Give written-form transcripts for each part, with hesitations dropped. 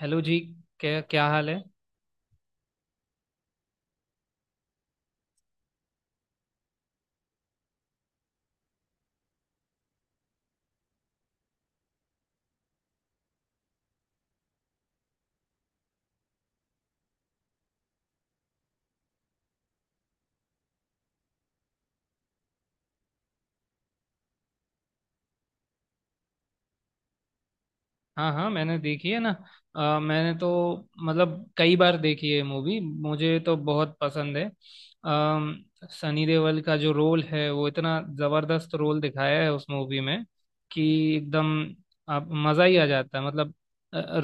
Hello जी। क्या क्या हाल है। हाँ हाँ, मैंने देखी है ना। मैंने तो मतलब कई बार देखी है मूवी, मुझे तो बहुत पसंद है। अम, सनी देओल का जो रोल है वो इतना जबरदस्त रोल दिखाया है उस मूवी में कि एकदम आप मजा ही आ जाता है मतलब।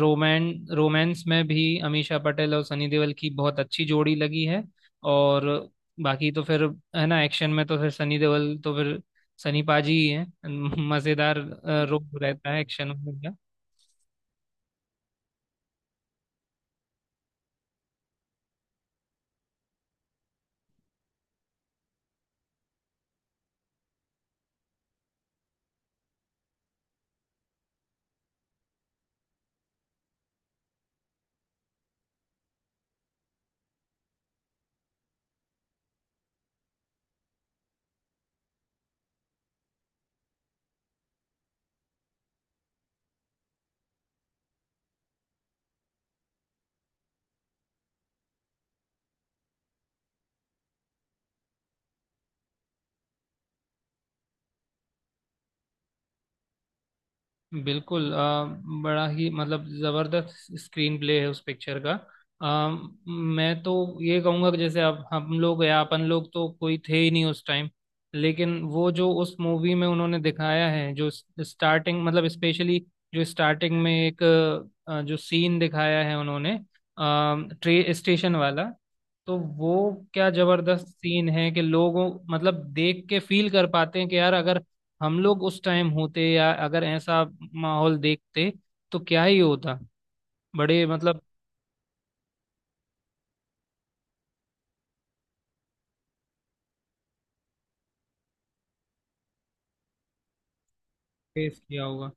रोमैन रोमांस में भी अमीषा पटेल और सनी देओल की बहुत अच्छी जोड़ी लगी है। और बाकी तो फिर, है ना, एक्शन में तो फिर सनी देओल तो फिर सनी पाजी ही है। मजेदार रोल रहता है एक्शन में। बिल्कुल। बड़ा ही मतलब जबरदस्त स्क्रीन प्ले है उस पिक्चर का। अ, मैं तो ये कहूंगा कि जैसे अब हम लोग या अपन लोग तो कोई थे ही नहीं उस टाइम, लेकिन वो जो उस मूवी में उन्होंने दिखाया है, जो स्टार्टिंग मतलब स्पेशली जो स्टार्टिंग में एक जो सीन दिखाया है उन्होंने, ट्रे स्टेशन वाला, तो वो क्या जबरदस्त सीन है कि लोगों मतलब देख के फील कर पाते हैं कि यार अगर हम लोग उस टाइम होते या अगर ऐसा माहौल देखते तो क्या ही होता। बड़े मतलब फेस किया होगा।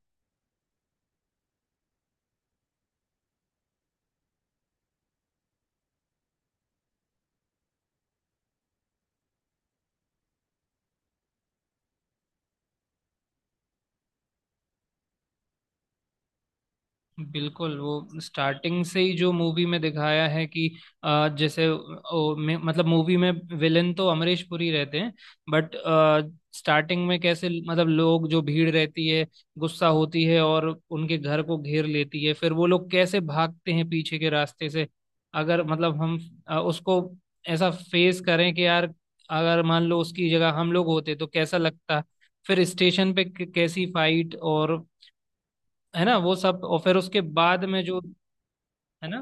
बिल्कुल, वो स्टार्टिंग से ही जो मूवी में दिखाया है कि जैसे मतलब मूवी में विलेन तो अमरीश पुरी रहते हैं। बट स्टार्टिंग में कैसे मतलब लोग जो भीड़ रहती है, गुस्सा होती है और उनके घर को घेर लेती है, फिर वो लोग कैसे भागते हैं पीछे के रास्ते से। अगर मतलब हम उसको ऐसा फेस करें कि यार, अगर मान लो उसकी जगह हम लोग होते तो कैसा लगता। फिर स्टेशन पे कैसी फाइट और, है ना, वो सब, और फिर उसके बाद में जो, है ना।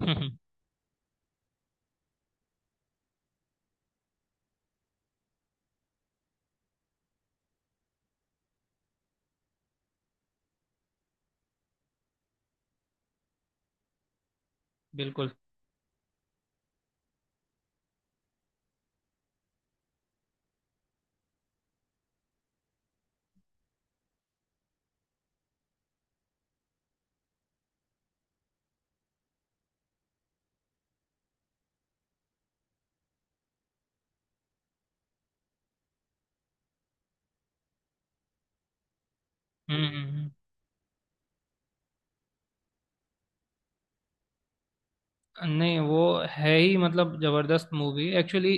बिल्कुल। हम्म हम्म हम्म। नहीं, वो है ही मतलब जबरदस्त मूवी एक्चुअली।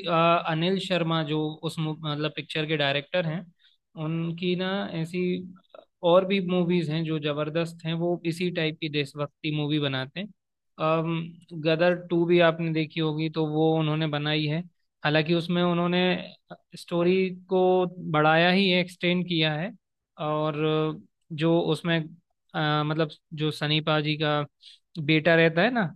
अनिल शर्मा जो उस मतलब पिक्चर के डायरेक्टर हैं, उनकी ना ऐसी और भी मूवीज हैं जो जबरदस्त हैं, वो इसी टाइप की देशभक्ति मूवी बनाते हैं। गदर टू भी आपने देखी होगी, तो वो उन्होंने बनाई है। हालांकि उसमें उन्होंने स्टोरी को बढ़ाया ही है, एक्सटेंड किया है। और जो उसमें मतलब जो सनी पाजी का बेटा रहता है ना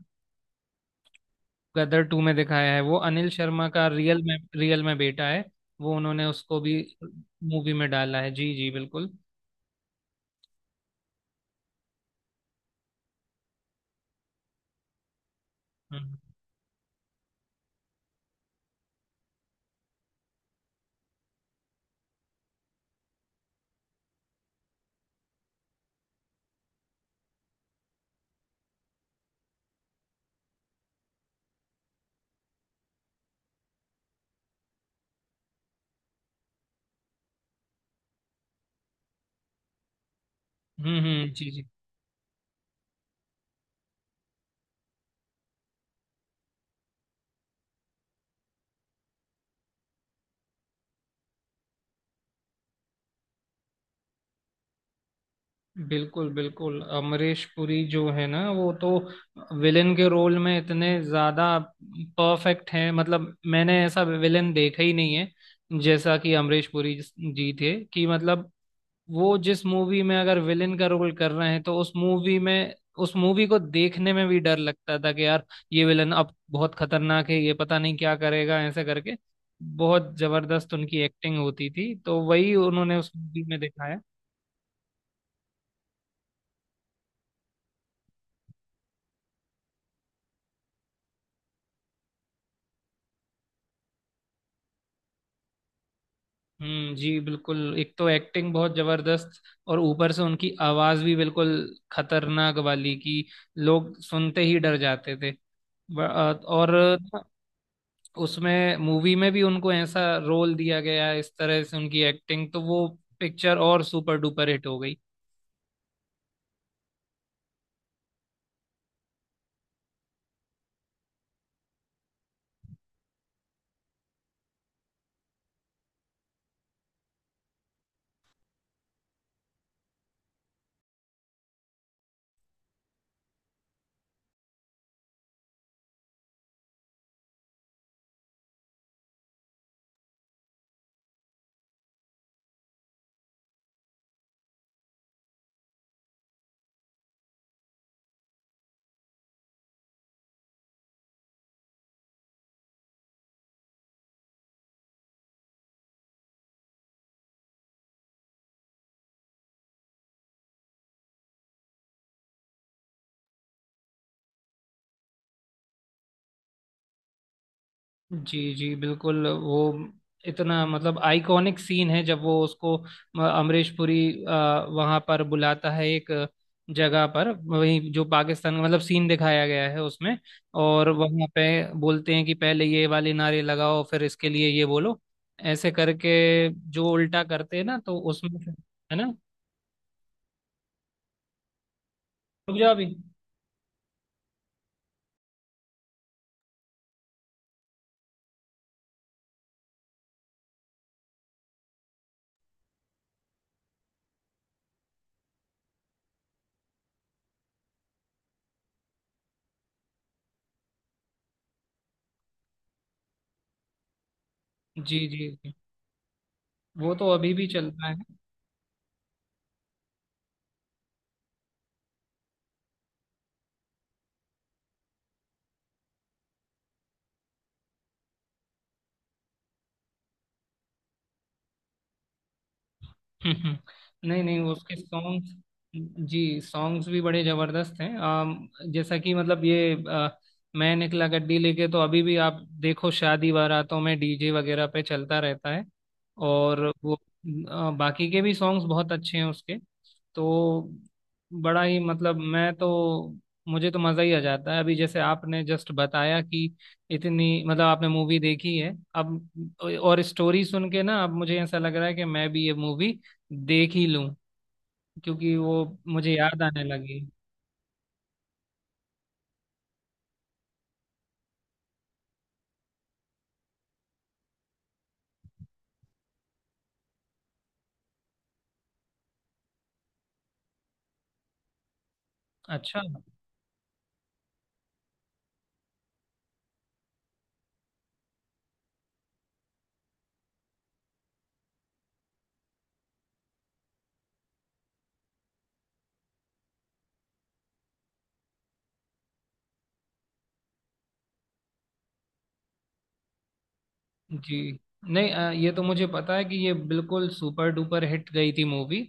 गदर टू में दिखाया है, वो अनिल शर्मा का रियल में बेटा है। वो उन्होंने उसको भी मूवी में डाला है। जी जी बिल्कुल। हम्म जी जी। बिल्कुल बिल्कुल, अमरीश पुरी जो है ना वो तो विलेन के रोल में इतने ज्यादा परफेक्ट हैं। मतलब मैंने ऐसा विलेन देखा ही नहीं है जैसा कि अमरीश पुरी जी थे कि मतलब वो जिस मूवी में अगर विलेन का रोल कर रहे हैं तो उस मूवी में, उस मूवी को देखने में भी डर लगता था कि यार ये विलन अब बहुत खतरनाक है, ये पता नहीं क्या करेगा, ऐसे करके बहुत जबरदस्त उनकी एक्टिंग होती थी, तो वही उन्होंने उस मूवी में दिखाया। जी बिल्कुल। एक तो एक्टिंग बहुत जबरदस्त, और ऊपर से उनकी आवाज भी बिल्कुल खतरनाक वाली कि लोग सुनते ही डर जाते थे। ब- और उसमें मूवी में भी उनको ऐसा रोल दिया गया है, इस तरह से उनकी एक्टिंग, तो वो पिक्चर और सुपर डुपर हिट हो गई। जी जी बिल्कुल, वो इतना मतलब आइकॉनिक सीन है जब वो उसको, अमरीश पुरी वहां पर बुलाता है एक जगह पर, वही जो पाकिस्तान का मतलब सीन दिखाया गया है उसमें, और वहां पे बोलते हैं कि पहले ये वाले नारे लगाओ फिर इसके लिए ये बोलो, ऐसे करके जो उल्टा करते हैं ना तो उसमें, है ना, रुक जाओ अभी। जी जी जी, वो तो अभी भी चल रहा है। हम्म, हम्म। नहीं नहीं, उसके सॉन्ग्स, जी, सॉन्ग्स भी बड़े जबरदस्त हैं। जैसा कि मतलब ये मैं निकला गड्डी लेके, तो अभी भी आप देखो शादी बारातों में डीजे वगैरह पे चलता रहता है। और वो बाकी के भी सॉन्ग्स बहुत अच्छे हैं उसके। तो बड़ा ही मतलब, मैं तो, मुझे तो मज़ा ही आ जाता है। अभी जैसे आपने जस्ट बताया कि इतनी मतलब आपने मूवी देखी है अब, और स्टोरी सुन के ना अब मुझे ऐसा लग रहा है कि मैं भी ये मूवी देख ही लूं, क्योंकि वो मुझे याद आने लगी। अच्छा जी। नहीं ये तो मुझे पता है कि ये बिल्कुल सुपर डुपर हिट गई थी मूवी,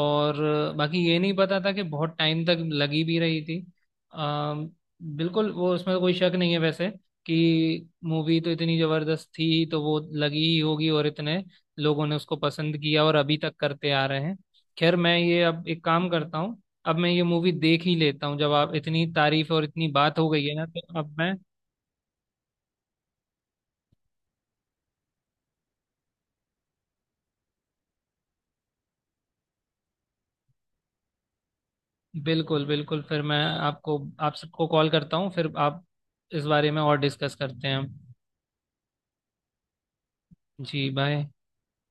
और बाकी ये नहीं पता था कि बहुत टाइम तक लगी भी रही थी। अ, बिल्कुल, वो उसमें तो कोई शक नहीं है वैसे, कि मूवी तो इतनी जबरदस्त थी तो वो लगी ही होगी, और इतने लोगों ने उसको पसंद किया और अभी तक करते आ रहे हैं। खैर, मैं ये अब एक काम करता हूँ, अब मैं ये मूवी देख ही लेता हूँ। जब आप इतनी तारीफ और इतनी बात हो गई है ना तो अब मैं, बिल्कुल बिल्कुल, फिर मैं आपको, आप सबको कॉल करता हूँ, फिर आप इस बारे में और डिस्कस करते हैं। जी बाय।